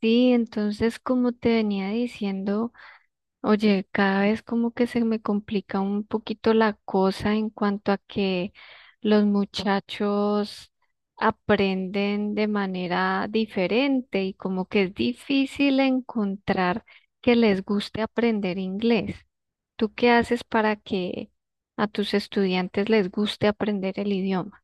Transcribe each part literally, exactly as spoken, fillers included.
Sí, entonces como te venía diciendo, oye, cada vez como que se me complica un poquito la cosa en cuanto a que los muchachos aprenden de manera diferente y como que es difícil encontrar que les guste aprender inglés. ¿Tú qué haces para que a tus estudiantes les guste aprender el idioma?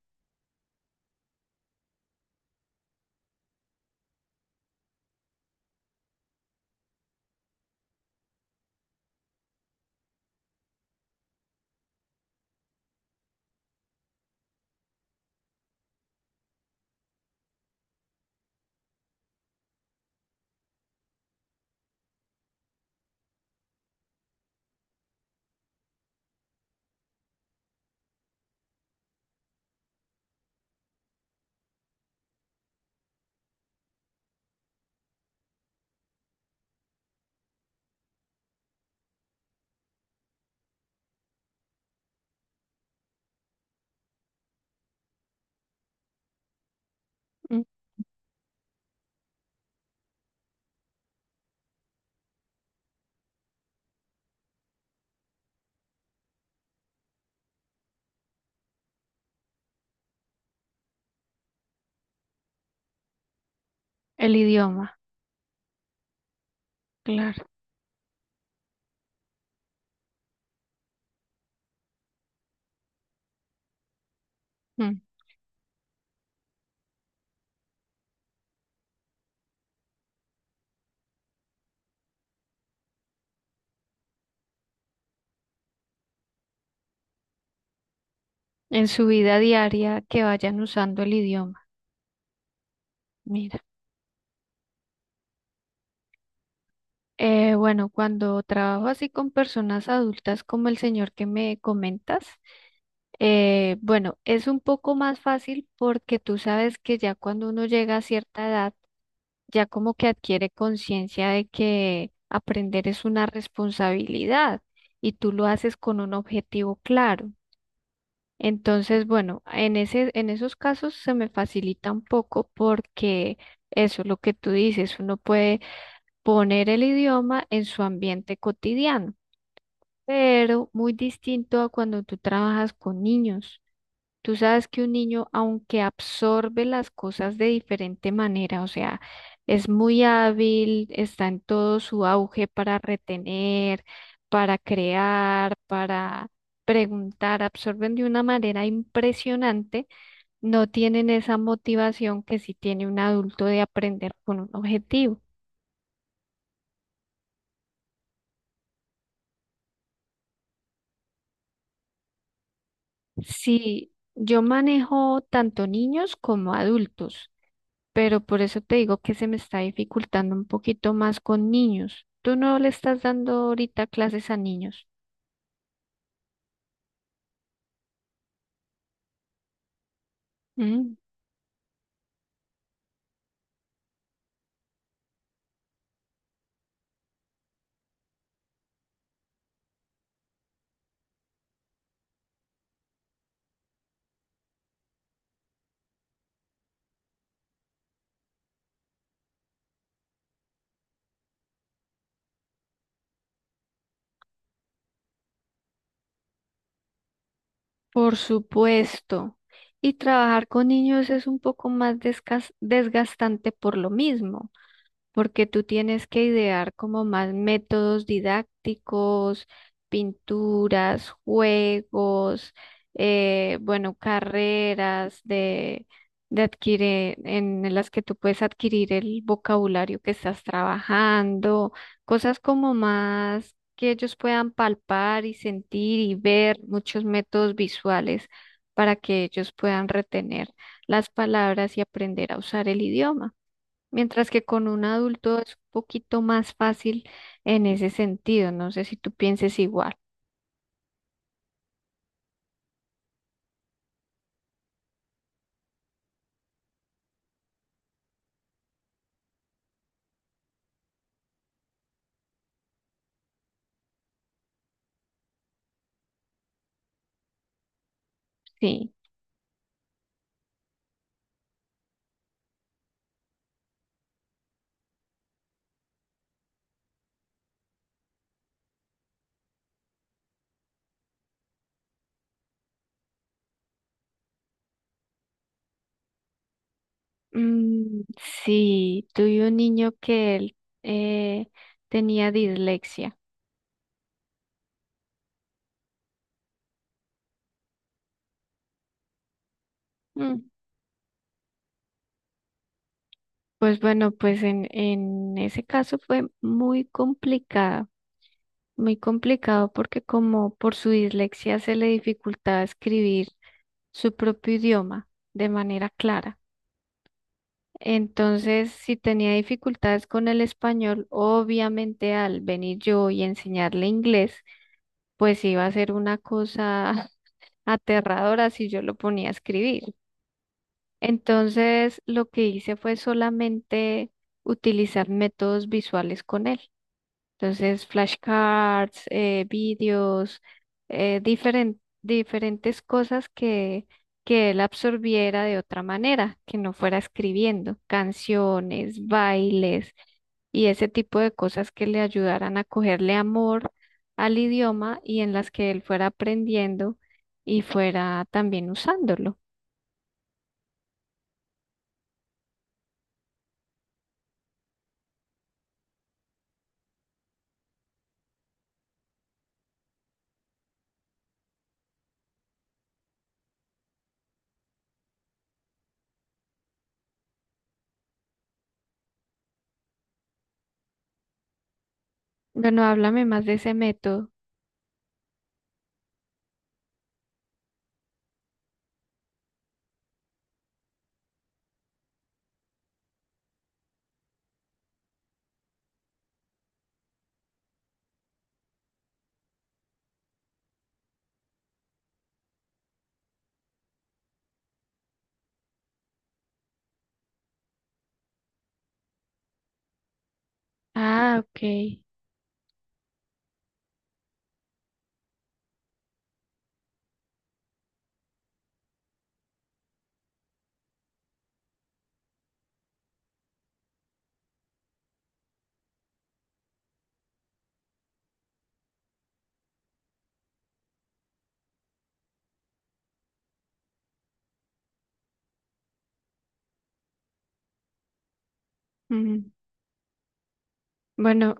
Mm. El idioma, claro. Mm. En su vida diaria que vayan usando el idioma. Mira, eh, bueno, cuando trabajo así con personas adultas como el señor que me comentas, eh, bueno, es un poco más fácil porque tú sabes que ya cuando uno llega a cierta edad, ya como que adquiere conciencia de que aprender es una responsabilidad y tú lo haces con un objetivo claro. Entonces, bueno, en ese, en esos casos se me facilita un poco porque eso, lo que tú dices, uno puede poner el idioma en su ambiente cotidiano, pero muy distinto a cuando tú trabajas con niños. Tú sabes que un niño, aunque absorbe las cosas de diferente manera, o sea, es muy hábil, está en todo su auge para retener, para crear, para preguntar, absorben de una manera impresionante, no tienen esa motivación que sí tiene un adulto de aprender con un objetivo. Sí, yo manejo tanto niños como adultos, pero por eso te digo que se me está dificultando un poquito más con niños. ¿Tú no le estás dando ahorita clases a niños? Mm, por supuesto. Y trabajar con niños es un poco más desgas- desgastante por lo mismo, porque tú tienes que idear como más métodos didácticos, pinturas, juegos, eh, bueno, carreras de, de adquirir, eh, en las que tú puedes adquirir el vocabulario que estás trabajando, cosas como más que ellos puedan palpar y sentir y ver muchos métodos visuales para que ellos puedan retener las palabras y aprender a usar el idioma. Mientras que con un adulto es un poquito más fácil en ese sentido. No sé si tú pienses igual. Sí. Mm, sí, tuve un niño que él eh, tenía dislexia. Mm. Pues bueno, pues en, en ese caso fue muy complicado, muy complicado porque como por su dislexia se le dificultaba escribir su propio idioma de manera clara. Entonces, si tenía dificultades con el español, obviamente al venir yo y enseñarle inglés, pues iba a ser una cosa aterradora si yo lo ponía a escribir. Entonces, lo que hice fue solamente utilizar métodos visuales con él. Entonces, flashcards, eh, vídeos, eh, diferen- diferentes cosas que, que él absorbiera de otra manera, que no fuera escribiendo, canciones, bailes y ese tipo de cosas que le ayudaran a cogerle amor al idioma y en las que él fuera aprendiendo y fuera también usándolo. Bueno, háblame más de ese método. Ah, ok. Ujú. Bueno.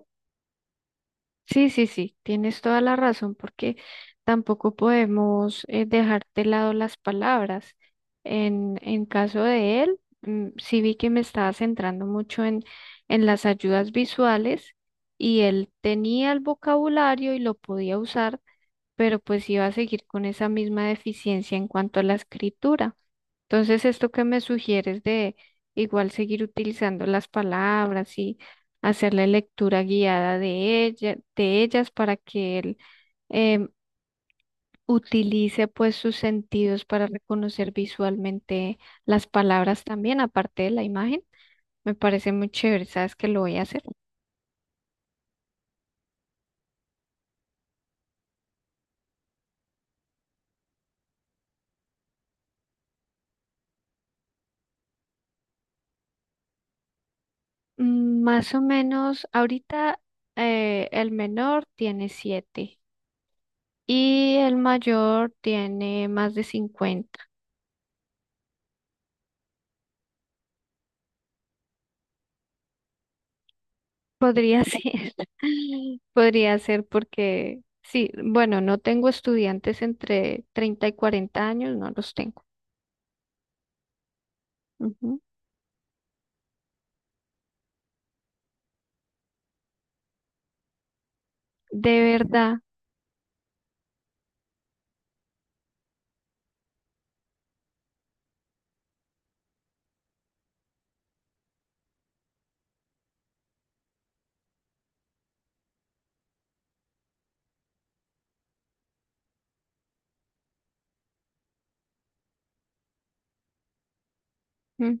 Sí, sí, sí, tienes toda la razón porque tampoco podemos eh, dejar de lado las palabras. En, en caso de él, mm, sí vi que me estaba centrando mucho en, en las ayudas visuales y él tenía el vocabulario y lo podía usar, pero pues iba a seguir con esa misma deficiencia en cuanto a la escritura. Entonces, esto que me sugieres de igual seguir utilizando las palabras y hacer la lectura guiada de ella, de ellas para que él em, utilice pues sus sentidos para reconocer visualmente las palabras también, aparte de la imagen, me parece muy chévere, sabes que lo voy a hacer. Mm. Más o menos, ahorita eh, el menor tiene siete y el mayor tiene más de cincuenta. Podría ser, podría ser porque, sí, bueno, no tengo estudiantes entre treinta y cuarenta años, no los tengo. Ujú. De verdad. Mm,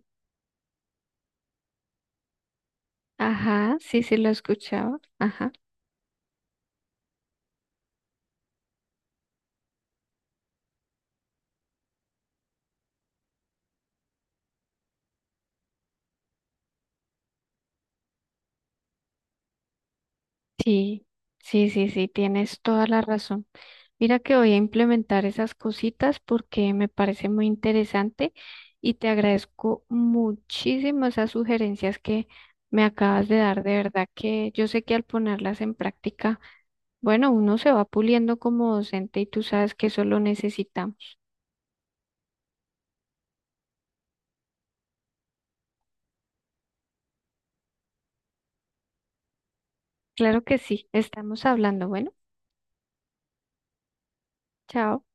ajá, sí, sí lo escuchaba. Ajá. Sí, sí, sí, sí, tienes toda la razón. Mira que voy a implementar esas cositas porque me parece muy interesante y te agradezco muchísimo esas sugerencias que me acabas de dar. De verdad que yo sé que al ponerlas en práctica, bueno, uno se va puliendo como docente y tú sabes que eso lo necesitamos. Claro que sí, estamos hablando. Bueno, chao.